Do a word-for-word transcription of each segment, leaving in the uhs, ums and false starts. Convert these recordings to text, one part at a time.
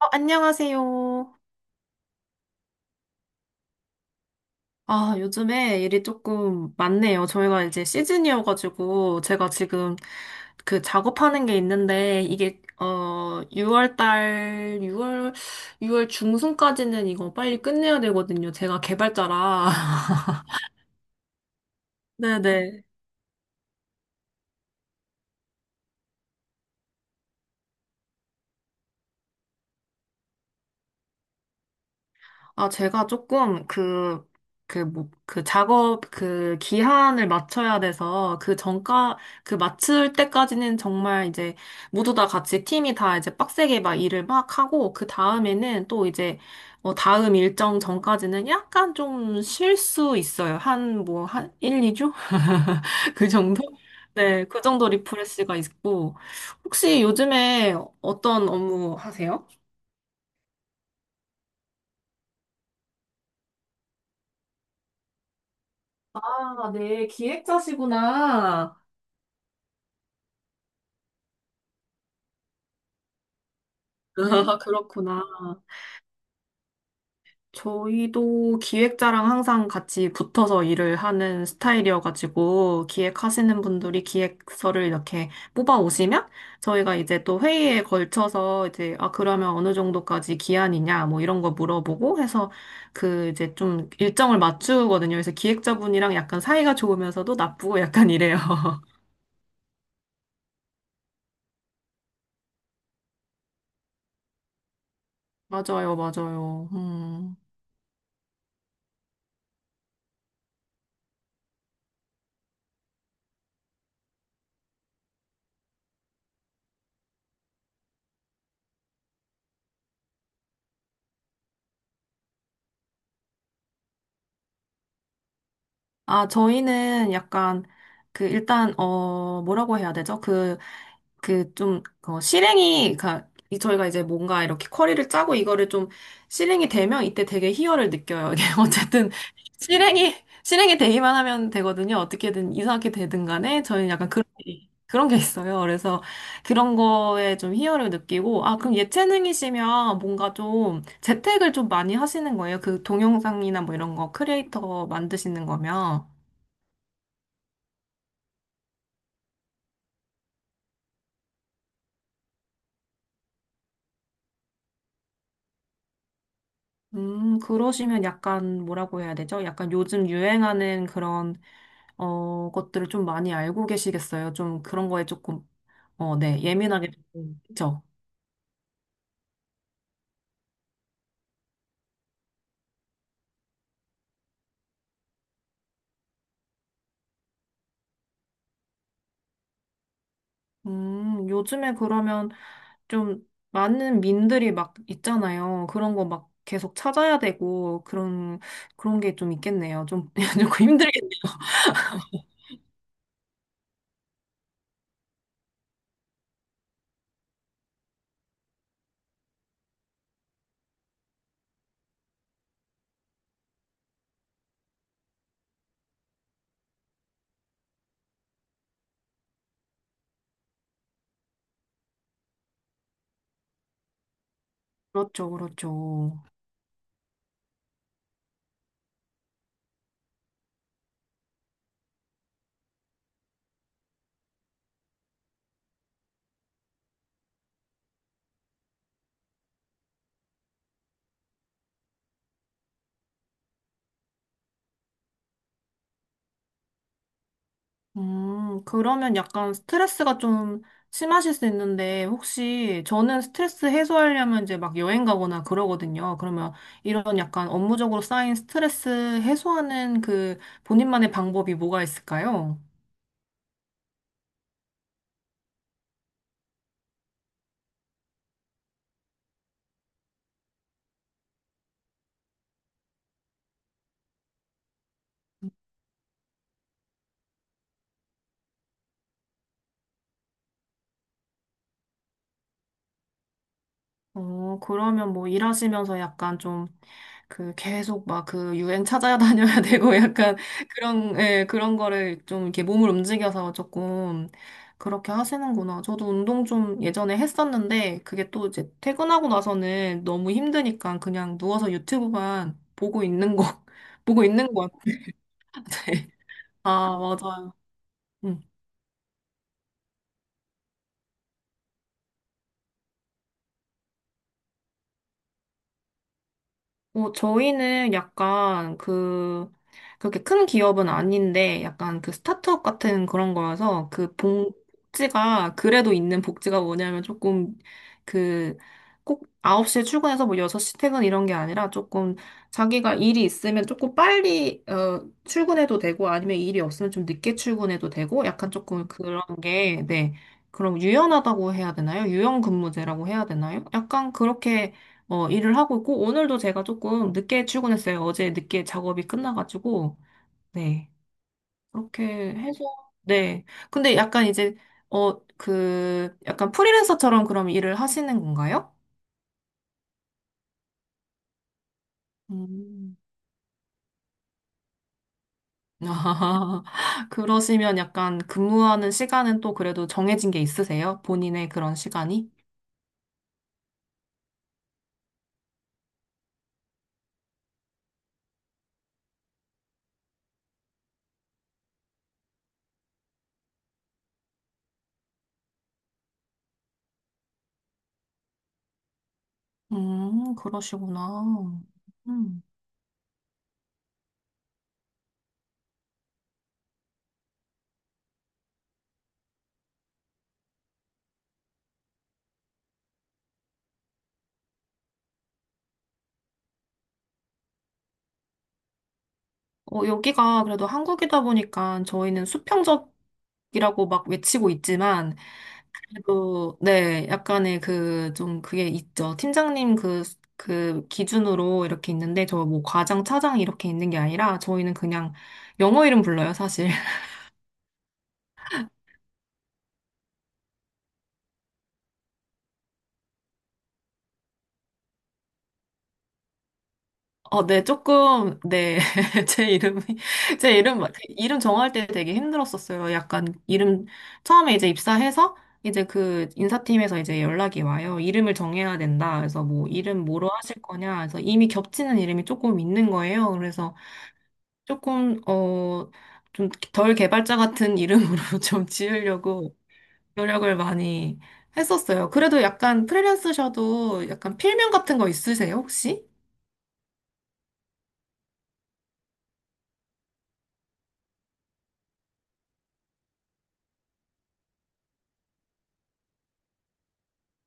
어, 안녕하세요. 아, 요즘에 일이 조금 많네요. 저희가 이제 시즌이어가지고, 제가 지금 그 작업하는 게 있는데, 이게, 어, 6월 달, 6월, 유월 중순까지는 이거 빨리 끝내야 되거든요. 제가 개발자라. 네네. 아, 제가 조금 그, 그, 뭐, 그 작업, 그 기한을 맞춰야 돼서 그 전까, 그 맞출 때까지는 정말 이제 모두 다 같이 팀이 다 이제 빡세게 막 일을 막 하고 그 다음에는 또 이제 어, 다음 일정 전까지는 약간 좀 쉴 수 있어요. 한 뭐, 한 한, 이 주? 그 정도? 네, 그 정도 리프레시가 있고. 혹시 요즘에 어떤 업무 하세요? 아, 네, 기획자시구나. 아, 그렇구나. 저희도 기획자랑 항상 같이 붙어서 일을 하는 스타일이어가지고, 기획하시는 분들이 기획서를 이렇게 뽑아 오시면, 저희가 이제 또 회의에 걸쳐서 이제, 아, 그러면 어느 정도까지 기한이냐, 뭐 이런 거 물어보고 해서, 그 이제 좀 일정을 맞추거든요. 그래서 기획자분이랑 약간 사이가 좋으면서도 나쁘고 약간 이래요. 맞아요, 맞아요. 음. 아, 저희는 약간, 그, 일단, 어, 뭐라고 해야 되죠? 그, 그, 좀, 어, 실행이, 가, 이- 저희가 이제 뭔가 이렇게 커리를 짜고 이거를 좀 실행이 되면 이때 되게 희열을 느껴요. 이게 어쨌든, 실행이, 실행이 되기만 하면 되거든요. 어떻게든 이상하게 되든 간에 저희는 약간 그런, 게- 그런 게 있어요. 그래서 그런 거에 좀 희열을 느끼고, 아, 그럼 예체능이시면 뭔가 좀 재택을 좀 많이 하시는 거예요? 그 동영상이나 뭐 이런 거 크리에이터 만드시는 거면. 음, 그러시면 약간 뭐라고 해야 되죠? 약간 요즘 유행하는 그런, 어, 것들을 좀 많이 알고 계시겠어요? 좀 그런 거에 조금, 어, 네, 예민하게, 좀- 그죠? 음, 요즘에 그러면 좀 많은 민들이 막 있잖아요. 그런 거 막 계속 찾아야 되고, 그런, 그런 게 좀 있겠네요. 좀, 조금 힘들겠 그렇죠, 그렇죠. 음, 그러면 약간 스트레스가 좀 심하실 수 있는데, 혹시 저는 스트레스 해소하려면 이제 막 여행 가거나 그러거든요. 그러면 이런 약간 업무적으로 쌓인 스트레스 해소하는 그 본인만의 방법이 뭐가 있을까요? 어, 그러면 뭐 일하시면서 약간 좀 그 계속 막 그 유행 찾아 다녀야 되고 약간 그런, 예, 그런 거를 좀 이렇게 몸을 움직여서 조금 그렇게 하시는구나. 저도 운동 좀 예전에 했었는데 그게 또 이제 퇴근하고 나서는 너무 힘드니까 그냥 누워서 유튜브만 보고 있는 거, 보고 있는 것 같아요. 아, 맞아요. 음. 어, 저희는 약간 그, 그렇게 큰 기업은 아닌데, 약간 그 스타트업 같은 그런 거여서, 그 복지가, 그래도 있는 복지가 뭐냐면 조금 그, 꼭 아홉 시에 출근해서 뭐 여섯 시 퇴근 이런 게 아니라 조금 자기가 일이 있으면 조금 빨리, 어, 출근해도 되고, 아니면 일이 없으면 좀 늦게 출근해도 되고, 약간 조금 그런 게, 네. 그럼 유연하다고 해야 되나요? 유연 근무제라고 해야 되나요? 약간 그렇게 어, 일을 하고 있고, 오늘도 제가 조금 늦게 출근했어요. 어제 늦게 작업이 끝나가지고, 네. 그렇게 해서, 네. 근데 약간 이제, 어, 그, 약간 프리랜서처럼 그럼 일을 하시는 건가요? 음. 아, 그러시면 약간 근무하는 시간은 또 그래도 정해진 게 있으세요? 본인의 그런 시간이? 음, 그러시구나. 음. 어, 여기가 그래도 한국이다 보니까 저희는 수평적이라고 막 외치고 있지만, 그래도, 네, 약간의 그, 좀 그게 있죠. 팀장님 그, 그 기준으로 이렇게 있는데, 저 뭐 과장, 차장 이렇게 있는 게 아니라, 저희는 그냥 영어 이름 불러요, 사실. 어, 네, 조금, 네, 제 이름이, 제 이름, 막- 이름 정할 때 되게 힘들었었어요. 약간, 이름, 처음에 이제 입사해서, 이제 그 인사팀에서 이제 연락이 와요. 이름을 정해야 된다. 그래서 뭐, 이름 뭐로 하실 거냐. 그래서 이미 겹치는 이름이 조금 있는 거예요. 그래서 조금, 어, 좀 덜 개발자 같은 이름으로 좀 지으려고 노력을 많이 했었어요. 그래도 약간 프리랜서셔도 약간 필명 같은 거 있으세요, 혹시?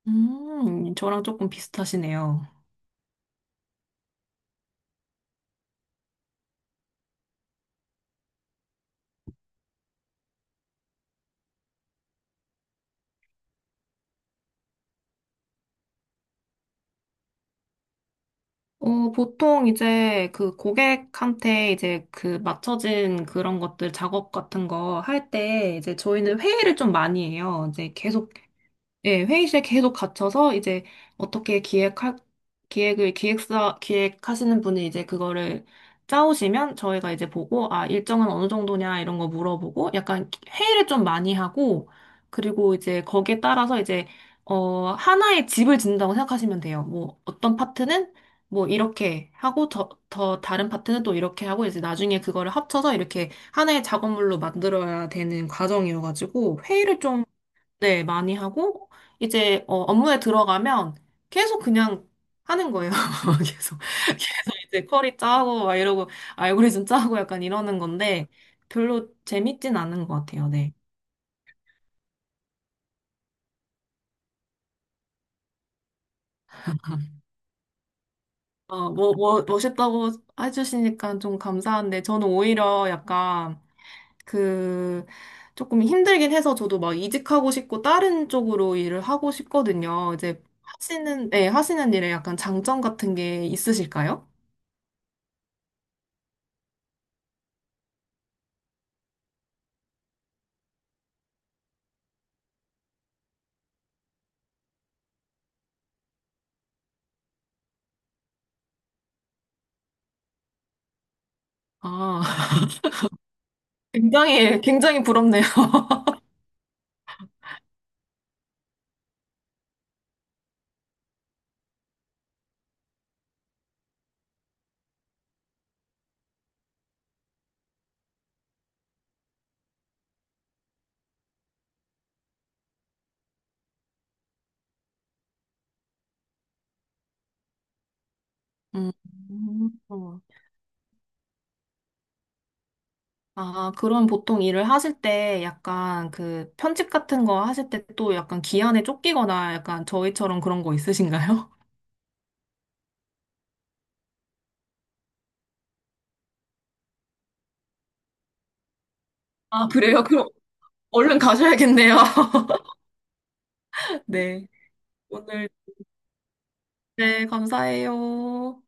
음, 저랑 조금 비슷하시네요. 어, 보통 이제 그 고객한테 이제 그 맞춰진 그런 것들 작업 같은 거 할 때 이제 저희는 회의를 좀 많이 해요. 이제 계속 예, 회의실에 계속 갇혀서 이제 어떻게 기획할, 기획을, 기획사, 기획하시는 분이 이제 그거를 짜오시면 저희가 이제 보고, 아, 일정은 어느 정도냐 이런 거 물어보고, 약간 회의를 좀 많이 하고, 그리고 이제 거기에 따라서 이제, 어, 하나의 집을 짓는다고 생각하시면 돼요. 뭐, 어떤 파트는 뭐 이렇게 하고, 더, 더 다른 파트는 또 이렇게 하고, 이제 나중에 그거를 합쳐서 이렇게 하나의 작업물로 만들어야 되는 과정이어가지고, 회의를 좀 네, 많이 하고, 이제, 어, 업무에 들어가면 계속 그냥 하는 거예요. 계속, 계속 이제 쿼리 짜고, 막 이러고, 알고리즘 짜고 약간 이러는 건데, 별로 재밌진 않은 것 같아요, 네. 어, 뭐, 뭐, 멋있다고 해주시니까 좀 감사한데, 저는 오히려 약간 그, 조금 힘들긴 해서 저도 막 이직하고 싶고, 다른 쪽으로 일을 하고 싶거든요. 이제 하시는, 네, 하시는 일에 약간 장점 같은 게 있으실까요? 아, 굉장히, 굉장히 부럽네요. 음. 어. 아, 그럼 보통 일을 하실 때 약간 그 편집 같은 거 하실 때 또 약간 기한에 쫓기거나 약간 저희처럼 그런 거 있으신가요? 아, 그래요? 그럼 얼른 가셔야겠네요. 네. 오늘, 네, 감사해요.